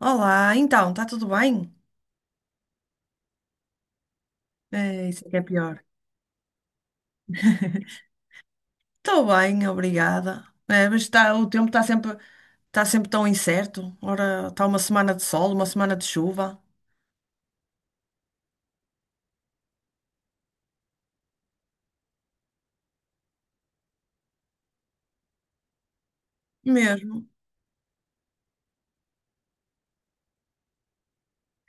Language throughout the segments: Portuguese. Olá, então, está tudo bem? É, isso é que é pior. Estou bem, obrigada. É, mas está, o tempo está sempre tão incerto. Ora, está uma semana de sol, uma semana de chuva. Mesmo.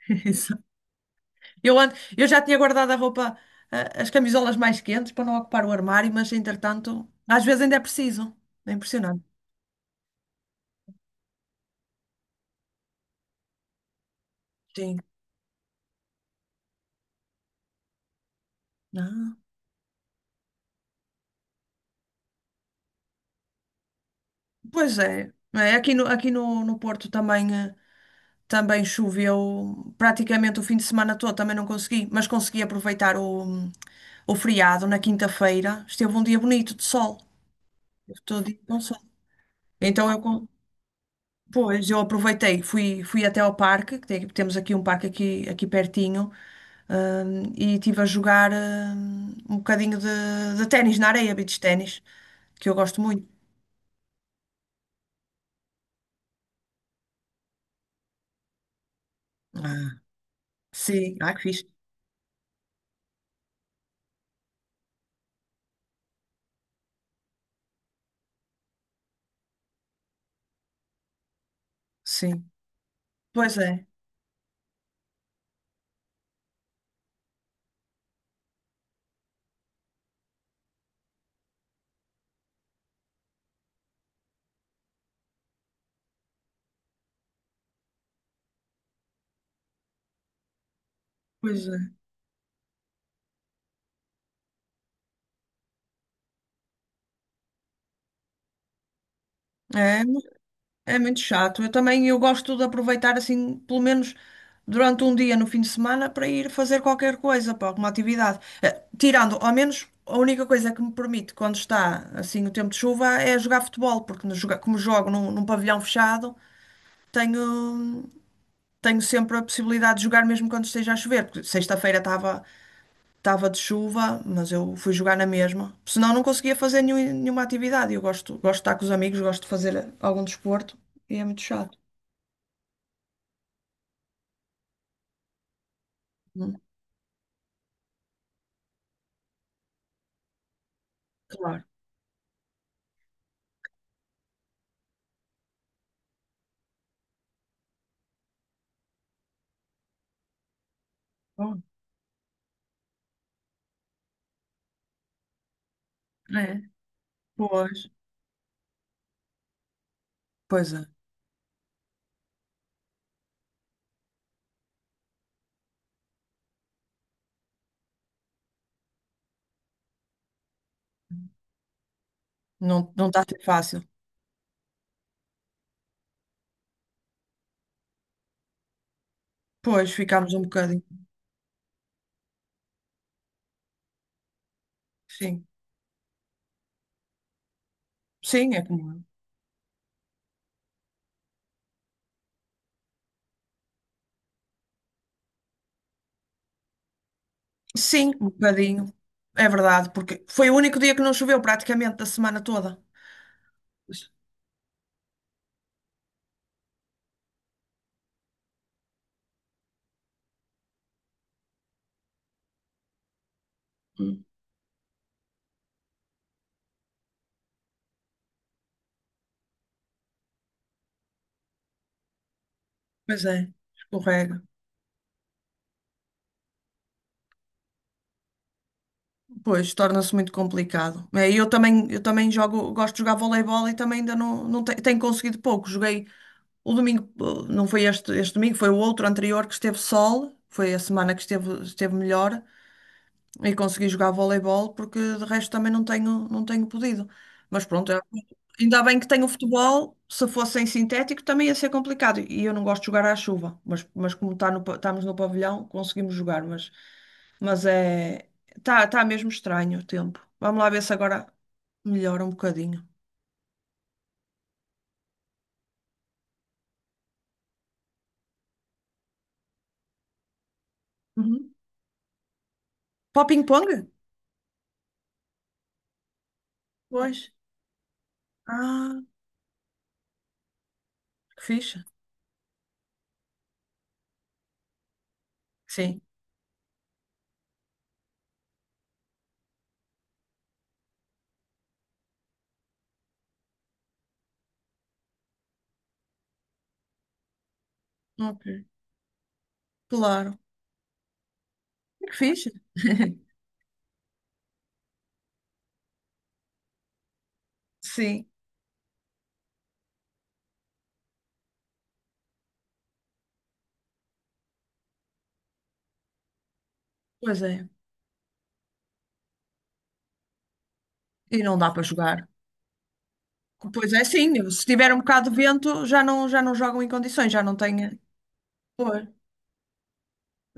Isso. Eu já tinha guardado a roupa, as camisolas mais quentes para não ocupar o armário, mas entretanto, às vezes ainda é preciso. É impressionante. Sim. Ah, pois é. É, aqui no, no Porto também. Também choveu praticamente o fim de semana todo, também não consegui, mas consegui aproveitar o feriado na quinta-feira. Esteve um dia bonito de sol, eu estou de com sol. Então, pois, eu aproveitei, fui até ao parque, que temos aqui um parque aqui pertinho, e estive a jogar, um bocadinho de ténis na areia, beach ténis, que eu gosto muito. Ah, sim, ah, que fixe. Sim, pois é, pois é. É, É muito chato. Eu também eu gosto de aproveitar assim, pelo menos durante um dia no fim de semana, para ir fazer qualquer coisa, para alguma atividade. Tirando, ao menos, a única coisa que me permite, quando está assim o tempo de chuva, é jogar futebol, porque no joga- como jogo num pavilhão fechado, tenho, tenho sempre a possibilidade de jogar mesmo quando esteja a chover, porque sexta-feira estava de chuva, mas eu fui jogar na mesma. Senão não conseguia fazer nenhuma atividade. Eu gosto de estar com os amigos, gosto de fazer algum desporto e é muito chato. Claro. Oh, é. Pois. Pois é. Não, não está a ser fácil. Pois, ficámos um bocadinho. Sim. Sim, é como. Eu. Sim, um bocadinho. É verdade, porque foi o único dia que não choveu praticamente da semana toda. Pois hum, pois é, escorrega. Pois, torna-se muito complicado. É, e eu também jogo, gosto de jogar voleibol e também ainda não tenho conseguido pouco. Joguei o domingo, não foi este domingo, foi o outro anterior que esteve sol, foi a semana que esteve melhor. E consegui jogar voleibol porque de resto também não tenho podido. Mas pronto, ainda bem que tenho o futebol. Se fosse em sintético também ia ser complicado. E eu não gosto de jogar à chuva. Mas como estamos no pavilhão, conseguimos jogar. Mas é. Tá mesmo estranho o tempo. Vamos lá ver se agora melhora um bocadinho. Uhum. Para o ping-pong? Pois. Ah, que fixe. Sim. Ok. Claro. Que fixe. Sim. Pois é. E não dá para jogar. Pois é, sim. Se tiver um bocado de vento, já não jogam em condições, já não tenho. Pois,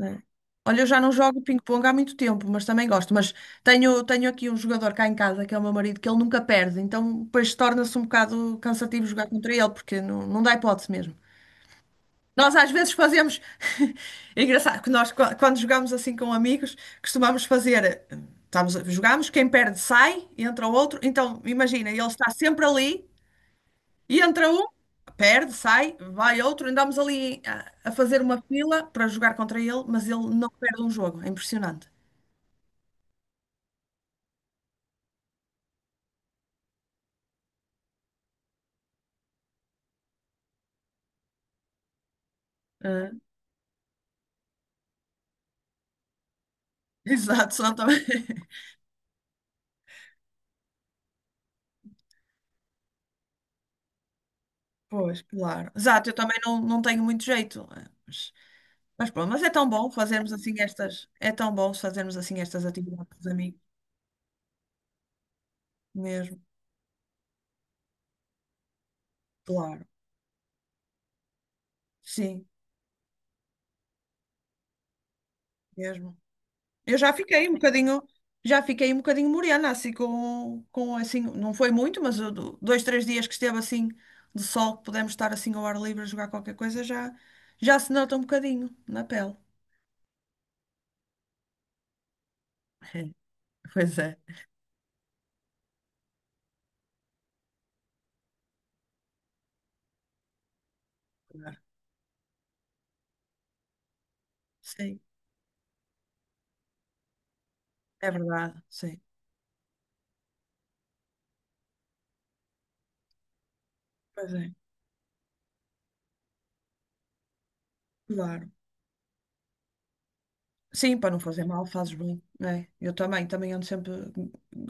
é. Olha, eu já não jogo ping-pong há muito tempo, mas também gosto. Mas tenho aqui um jogador cá em casa, que é o meu marido, que ele nunca perde. Então, depois torna-se um bocado cansativo jogar contra ele, porque não dá hipótese mesmo. Nós às vezes fazemos. É engraçado que nós, quando jogamos assim com amigos, costumamos fazer. Estamos, jogamos, quem perde sai, entra o outro. Então, imagina, ele está sempre ali. E entra um, perde, sai, vai outro, andamos ali a fazer uma fila para jogar contra ele, mas ele não perde um jogo, é impressionante. Ah, exato, senão também. Pois, claro. Exato, eu também não tenho muito jeito. Mas pronto, é tão bom fazermos assim estas. É tão bom fazermos assim estas atividades com os amigos, mesmo, claro. Sim, mesmo. Eu já fiquei um bocadinho, já fiquei um bocadinho morena, assim, com assim, não foi muito, mas eu dois, três dias que esteve assim de sol, que pudemos estar assim ao ar livre a jogar qualquer coisa, já se nota um bocadinho na pele. É, pois é. Claro. Sim, é verdade, sim. Pois é, claro. Sim, para não fazer mal, fazes bem. É, eu também, ando sempre.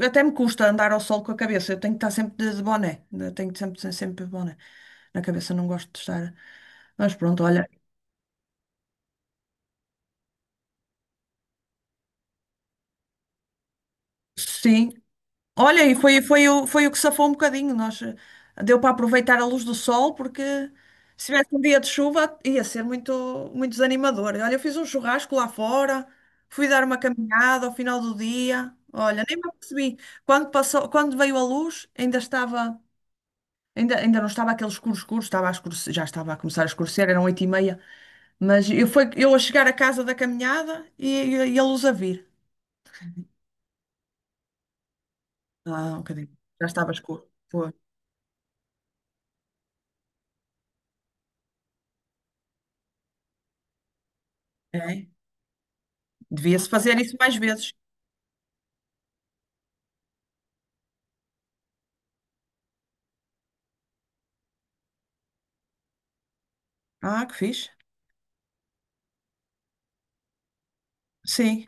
Até me custa andar ao sol com a cabeça. Eu tenho que estar sempre de boné. Eu tenho que sempre, sempre de boné. Na cabeça não gosto de estar. Mas pronto, olha. Sim. Olha, e foi o que safou um bocadinho. Nós, deu para aproveitar a luz do sol, porque se tivesse um dia de chuva ia ser muito, muito desanimador. Olha, eu fiz um churrasco lá fora, fui dar uma caminhada ao final do dia. Olha, nem me apercebi. Quando passou, quando veio a luz, ainda não estava aquele escuro escuro, estava a escurecer, já estava a começar a escurecer, eram 8h30. Mas eu a chegar à casa da caminhada e a luz a vir. Ah, um bocadinho. Já estava escuro. Foi. É? Devia-se fazer isso mais vezes. Ah, que fixe. Sim.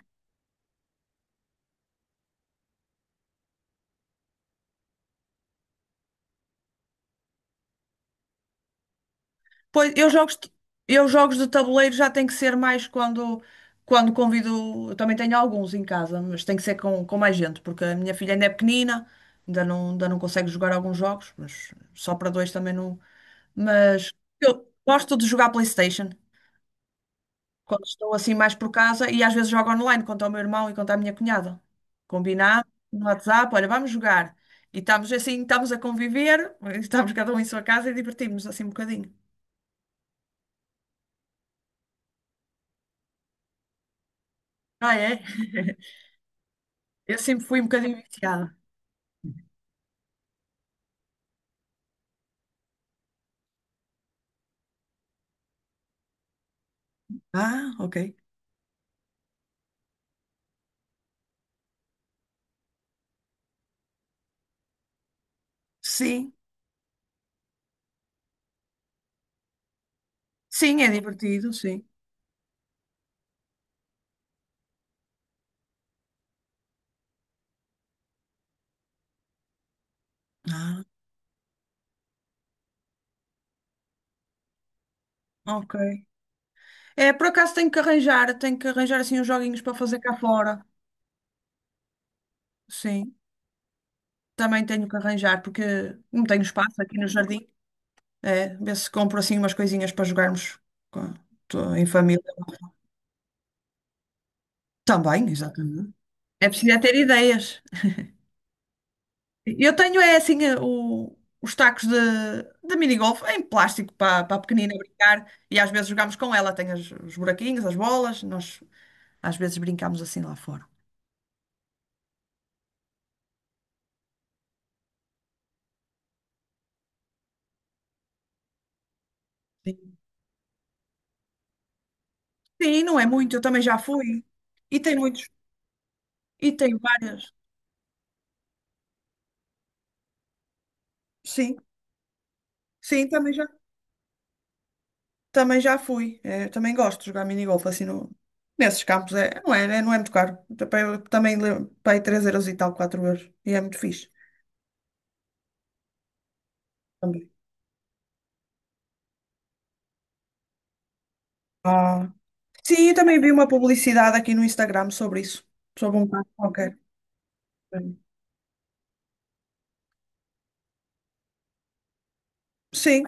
Pois, eu jogos de tabuleiro já tem que ser mais quando convido. Eu também tenho alguns em casa, mas tem que ser com mais gente, porque a minha filha ainda é pequenina, ainda não consegue jogar alguns jogos, mas só para dois também não. Mas eu gosto de jogar PlayStation. Quando estou assim mais por casa e às vezes jogo online contra o meu irmão e contra a minha cunhada. Combinado no WhatsApp, olha, vamos jogar. E estamos assim, estamos a conviver, estamos cada um em sua casa e divertimos-nos assim um bocadinho. Ah, é? Eu sempre fui um bocadinho viciada. Ah, ok. Sim, sim, é divertido, sim. Ah, ok. É, por acaso tenho que arranjar assim uns joguinhos para fazer cá fora. Sim, também tenho que arranjar, porque não tenho espaço aqui no jardim. É, vê se compro assim umas coisinhas para jogarmos com- em família. Também, exatamente. É preciso é ter ideias. Eu tenho é assim os tacos de minigolf em plástico para a pequenina brincar e às vezes jogamos com ela. Tem os buraquinhos, as bolas, nós às vezes brincamos assim lá fora. Sim, sim, não é muito, eu também já fui. E tem muitos, e tem várias. Sim, sim, também já. Também já fui. Também gosto de jogar minigolf assim nesses campos. É, não é, não é muito caro. Também paguei 3 euros e tal, 4 euros. E é muito fixe também. Ah. Sim, eu também vi uma publicidade aqui no Instagram sobre isso. Sobre um parque qualquer. Sim,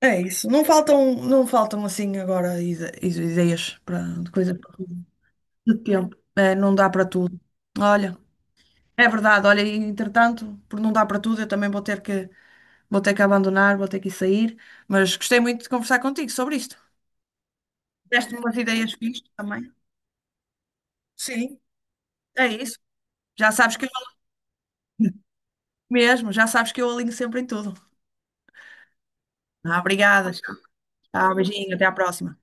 é isso. Não faltam assim agora ideias para, de coisa para tudo. De tempo. É, não dá para tudo. Olha, é verdade. Olha, e, entretanto, por não dar para tudo, eu também vou ter que abandonar, vou ter que sair, mas gostei muito de conversar contigo sobre isto. Deste-me umas ideias fixas também. Sim, é isso. Já sabes que eu alinho mesmo, já sabes que eu alinho sempre em tudo. Ah, obrigada. Tchau, beijinho, até à próxima.